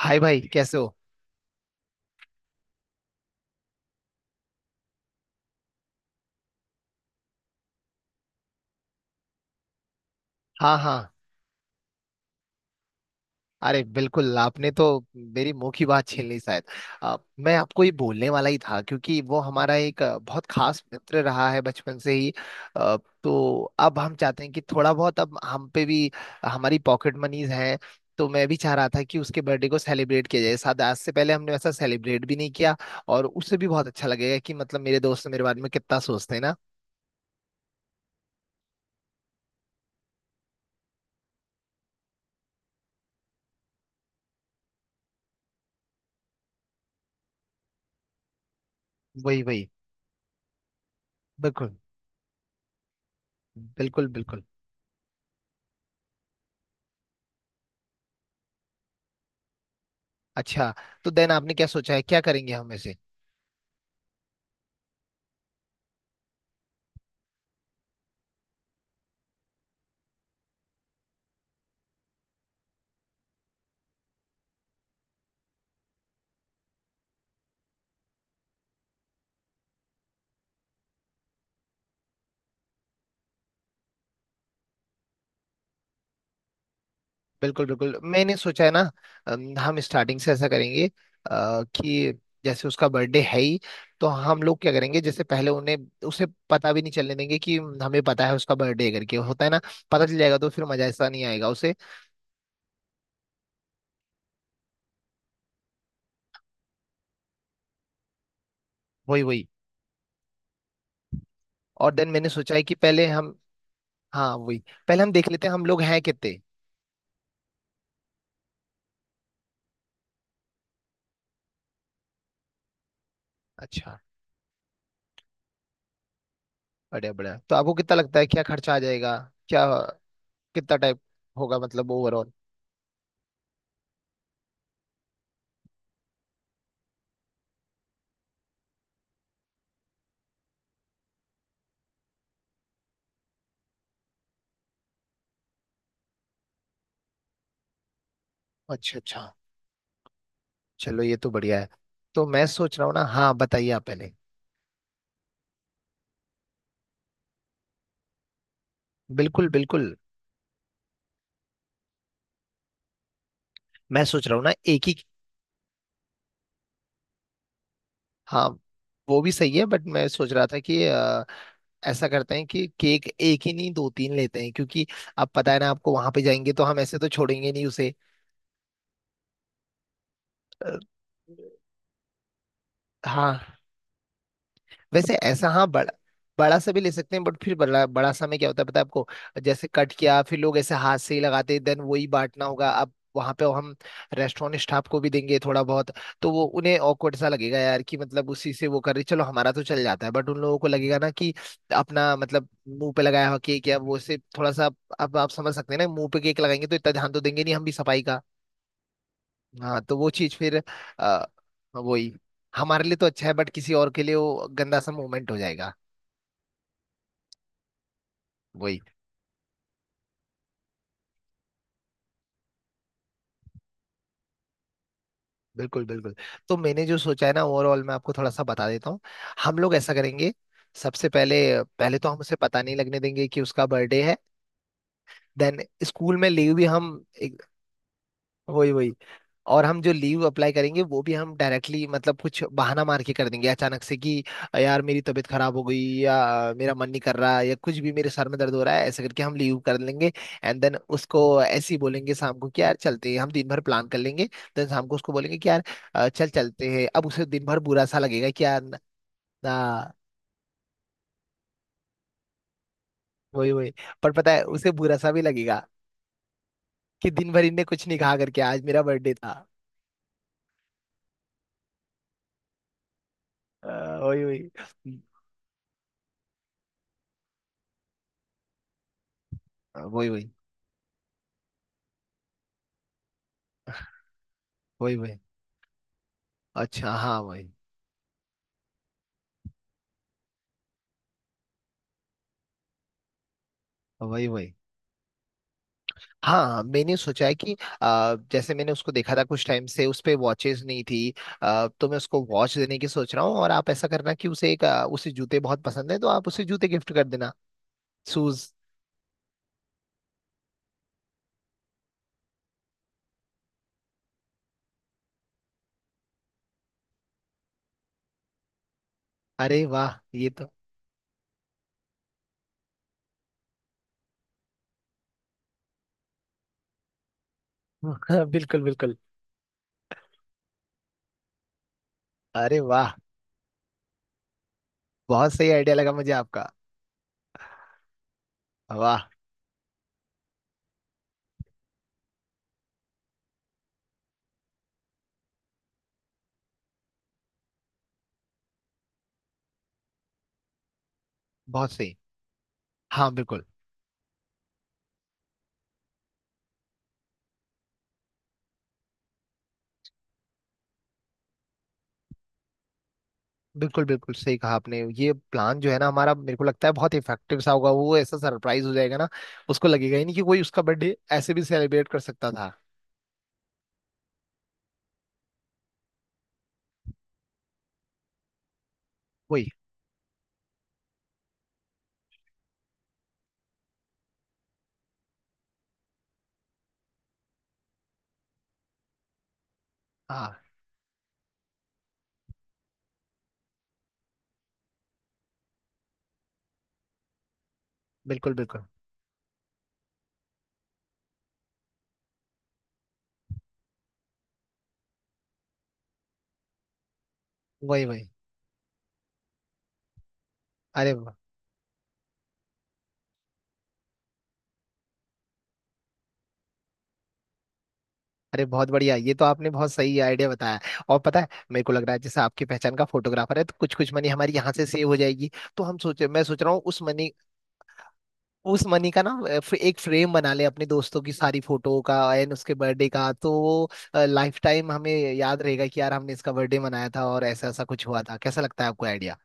हाय भाई, कैसे हो? हाँ, हाँ। अरे बिल्कुल, आपने तो मेरी मुंह की बात छीन ली शायद। मैं आपको ये बोलने वाला ही था क्योंकि वो हमारा एक बहुत खास मित्र रहा है बचपन से ही। अ, तो अब हम चाहते हैं कि थोड़ा बहुत अब हम पे भी हमारी पॉकेट मनीज हैं। तो मैं भी चाह रहा था कि उसके बर्थडे को सेलिब्रेट किया जाए, शायद आज से पहले हमने वैसा सेलिब्रेट भी नहीं किया। और उससे भी बहुत अच्छा लगेगा कि मतलब मेरे दोस्त मेरे बारे में कितना सोचते हैं ना। वही, वही। बिल्कुल, बिल्कुल, बिल्कुल। अच्छा, तो देन आपने क्या सोचा है, क्या करेंगे हम ऐसे? बिल्कुल, बिल्कुल, मैंने सोचा है ना। हम स्टार्टिंग से ऐसा करेंगे कि जैसे उसका बर्थडे है ही, तो हम लोग क्या करेंगे, जैसे पहले उन्हें, उसे पता भी नहीं चलने देंगे कि हमें पता है उसका बर्थडे करके होता है ना। पता चल जाएगा तो फिर मजा ऐसा नहीं आएगा उसे। वही, वही। और देन मैंने सोचा है कि पहले हम, हाँ, वही। पहले हम देख लेते हैं हम लोग हैं कितने। अच्छा, बढ़िया, बढ़िया, तो आपको कितना लगता है क्या खर्चा आ जाएगा? क्या, कितना टाइप होगा मतलब ओवरऑल? अच्छा, अच्छा, चलो ये तो बढ़िया है। तो मैं सोच रहा हूँ ना, हाँ, बताइए आप पहले। बिल्कुल, बिल्कुल। मैं सोच रहा हूँ ना, एक ही। हाँ, वो भी सही है बट मैं सोच रहा था कि ऐसा करते हैं कि केक एक ही नहीं, दो तीन लेते हैं क्योंकि अब पता है ना आपको, वहां पे जाएंगे तो हम ऐसे तो छोड़ेंगे नहीं उसे। अ, हाँ, वैसे ऐसा, हाँ, बड़ा। बड़ा सा भी ले सकते हैं बट फिर बड़ा बड़ा सा में क्या होता है पता है आपको? जैसे कट किया, फिर लोग ऐसे हाथ से ही लगाते हैं, देन वही बांटना होगा। अब वहां पे हम रेस्टोरेंट स्टाफ को भी देंगे थोड़ा बहुत, तो वो उन्हें ऑकवर्ड सा लगेगा यार, कि मतलब उसी से वो कर रही, चलो हमारा तो चल जाता है बट उन लोगों को लगेगा ना कि अपना मतलब मुंह पे लगाया हुआ केक या वो से, थोड़ा सा अब आप समझ सकते हैं ना, मुंह पे केक लगाएंगे तो इतना ध्यान तो देंगे नहीं हम भी सफाई का। हाँ, तो वो चीज फिर, आ, वही, हमारे लिए तो अच्छा है बट किसी और के लिए वो गंदा सा मोमेंट हो जाएगा। वही, बिल्कुल, बिल्कुल। तो मैंने जो सोचा है ना ओवरऑल, मैं आपको थोड़ा सा बता देता हूँ। हम लोग ऐसा करेंगे सबसे पहले। पहले तो हम उसे पता नहीं लगने देंगे कि उसका बर्थडे है। देन स्कूल में लीव भी हम, वही, वही, और हम जो लीव अप्लाई करेंगे वो भी हम डायरेक्टली मतलब कुछ बहाना मार के कर देंगे अचानक से कि यार मेरी तबीयत खराब हो गई, या मेरा मन नहीं कर रहा, या कुछ भी, मेरे सर में दर्द हो रहा है, ऐसे करके हम लीव कर लेंगे। एंड देन उसको ऐसे ही बोलेंगे शाम को कि यार चलते हैं, हम दिन भर प्लान कर लेंगे। देन शाम को उसको बोलेंगे कि यार चल चलते हैं, अब उसे दिन भर बुरा सा लगेगा कि यार ना। वही, वही। पर पता है उसे बुरा सा भी लगेगा कि दिन भर इनने कुछ नहीं कहा करके, आज मेरा बर्थडे था। अ, वही, वही, वही, वही, वही, वही, अच्छा, हाँ, वही, वही, वही। हाँ, हाँ, मैंने सोचा है कि जैसे मैंने उसको देखा था कुछ टाइम से उस पे वॉचेज नहीं थी। तो मैं उसको वॉच देने की सोच रहा हूँ, और आप ऐसा करना कि उसे जूते बहुत पसंद है तो आप उसे जूते गिफ्ट कर देना, शूज। अरे वाह, ये तो बिल्कुल, बिल्कुल। अरे वाह, बहुत सही आइडिया लगा मुझे आपका। वाह, बहुत सही। हाँ, बिल्कुल, बिल्कुल, बिल्कुल सही कहा आपने, ये प्लान जो है ना हमारा, मेरे को लगता है बहुत इफेक्टिव सा होगा। वो ऐसा सरप्राइज हो जाएगा ना, उसको लगेगा ही नहीं कि कोई उसका बर्थडे ऐसे भी सेलिब्रेट कर सकता था। वही, हाँ, बिल्कुल, बिल्कुल, वही, वही, अरे वाह, अरे बहुत बढ़िया, ये तो आपने बहुत सही आइडिया बताया। और पता है, मेरे को लग रहा है जैसे आपकी पहचान का फोटोग्राफर है तो कुछ कुछ मनी हमारी यहाँ से सेव हो जाएगी। तो हम सोचे, मैं सोच रहा हूँ उस मनी का ना, एक फ्रेम बना ले अपने दोस्तों की सारी फोटो का, एंड उसके बर्थडे का, तो वो लाइफ टाइम हमें याद रहेगा कि यार हमने इसका बर्थडे मनाया था और ऐसा ऐसा कुछ हुआ था। कैसा लगता है आपको आइडिया?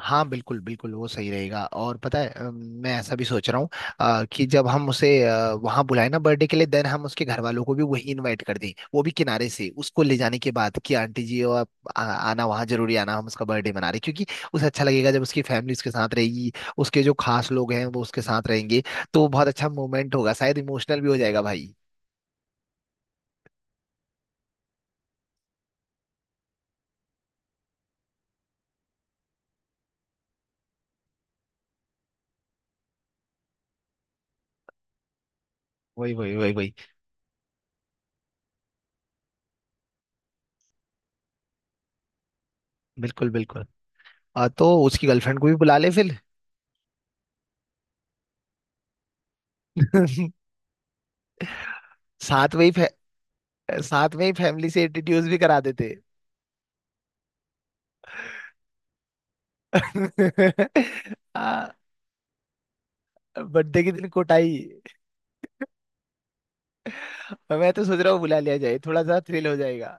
हाँ, बिल्कुल, बिल्कुल, वो सही रहेगा। और पता है, मैं ऐसा भी सोच रहा हूँ, कि जब हम उसे वहाँ बुलाए ना बर्थडे के लिए, देन हम उसके घर वालों को भी वही इनवाइट कर दें, वो भी किनारे से उसको ले जाने के बाद कि आंटी जी और आप आना, वहाँ जरूरी आना, हम उसका बर्थडे मना रहे हैं। क्योंकि उसे अच्छा लगेगा जब उसकी फैमिली उसके साथ रहेगी, उसके जो खास लोग हैं वो उसके साथ रहेंगे, तो बहुत अच्छा मोमेंट होगा, शायद इमोशनल भी हो जाएगा भाई। वही, वही, वही, वही, बिल्कुल, बिल्कुल। तो उसकी गर्लफ्रेंड को भी बुला ले फिर। साथ में ही, साथ में ही फैमिली से इंट्रोड्यूस भी करा देते। आ, बर्थडे के दिन कोटाई। और मैं तो सोच रहा हूँ बुला लिया जाए, थोड़ा सा थ्रिल हो जाएगा।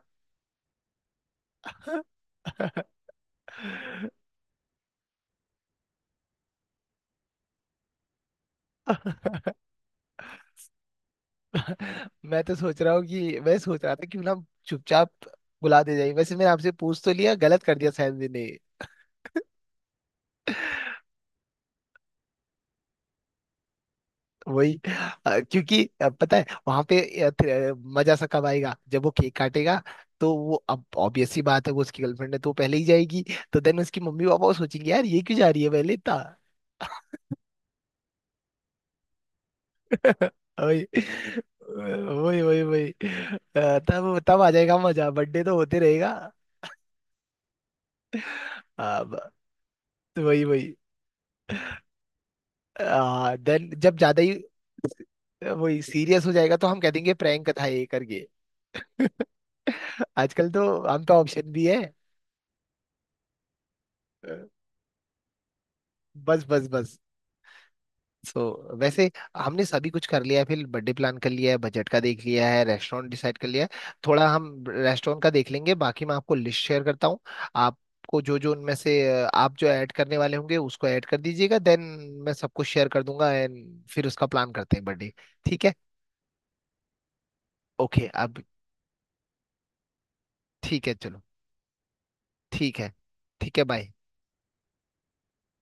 मैं तो सोच रहा हूँ कि, मैं सोच रहा था क्यों ना चुपचाप बुला दे जाए। वैसे मैंने आपसे पूछ तो लिया, गलत कर दिया शायद मैंने। वही, क्योंकि पता है वहां पे, मजा सा कब आएगा जब वो केक काटेगा? तो वो अब ऑब्वियस सी बात है, वो उसकी गर्लफ्रेंड है तो वो पहले ही जाएगी। तो देन उसकी मम्मी पापा वो सोचेंगे यार ये क्यों जा रही है पहले इतना? वही, वही, वही, वही, तब तब आ जाएगा मजा, बर्थडे तो होते रहेगा। अ, ब- वही, वही, देन जब ज्यादा ही, वही, सीरियस हो जाएगा तो हम कह देंगे प्रैंक था ये करके। आजकल तो हम पे ऑप्शन भी है। बस, बस, बस। सो so, वैसे हमने सभी कुछ कर लिया है, फिर बर्थडे प्लान कर लिया है, बजट का देख लिया है, रेस्टोरेंट डिसाइड कर लिया है। थोड़ा हम रेस्टोरेंट का देख लेंगे, बाकी मैं आपको लिस्ट शेयर करता हूँ। आपको जो जो उनमें से, आप जो ऐड करने वाले होंगे उसको ऐड कर दीजिएगा, देन मैं सबको शेयर कर दूंगा, एंड फिर उसका प्लान करते हैं बर्थडे। ठीक है? ओके। अब ठीक है, चलो। ठीक है, ठीक है, बाय।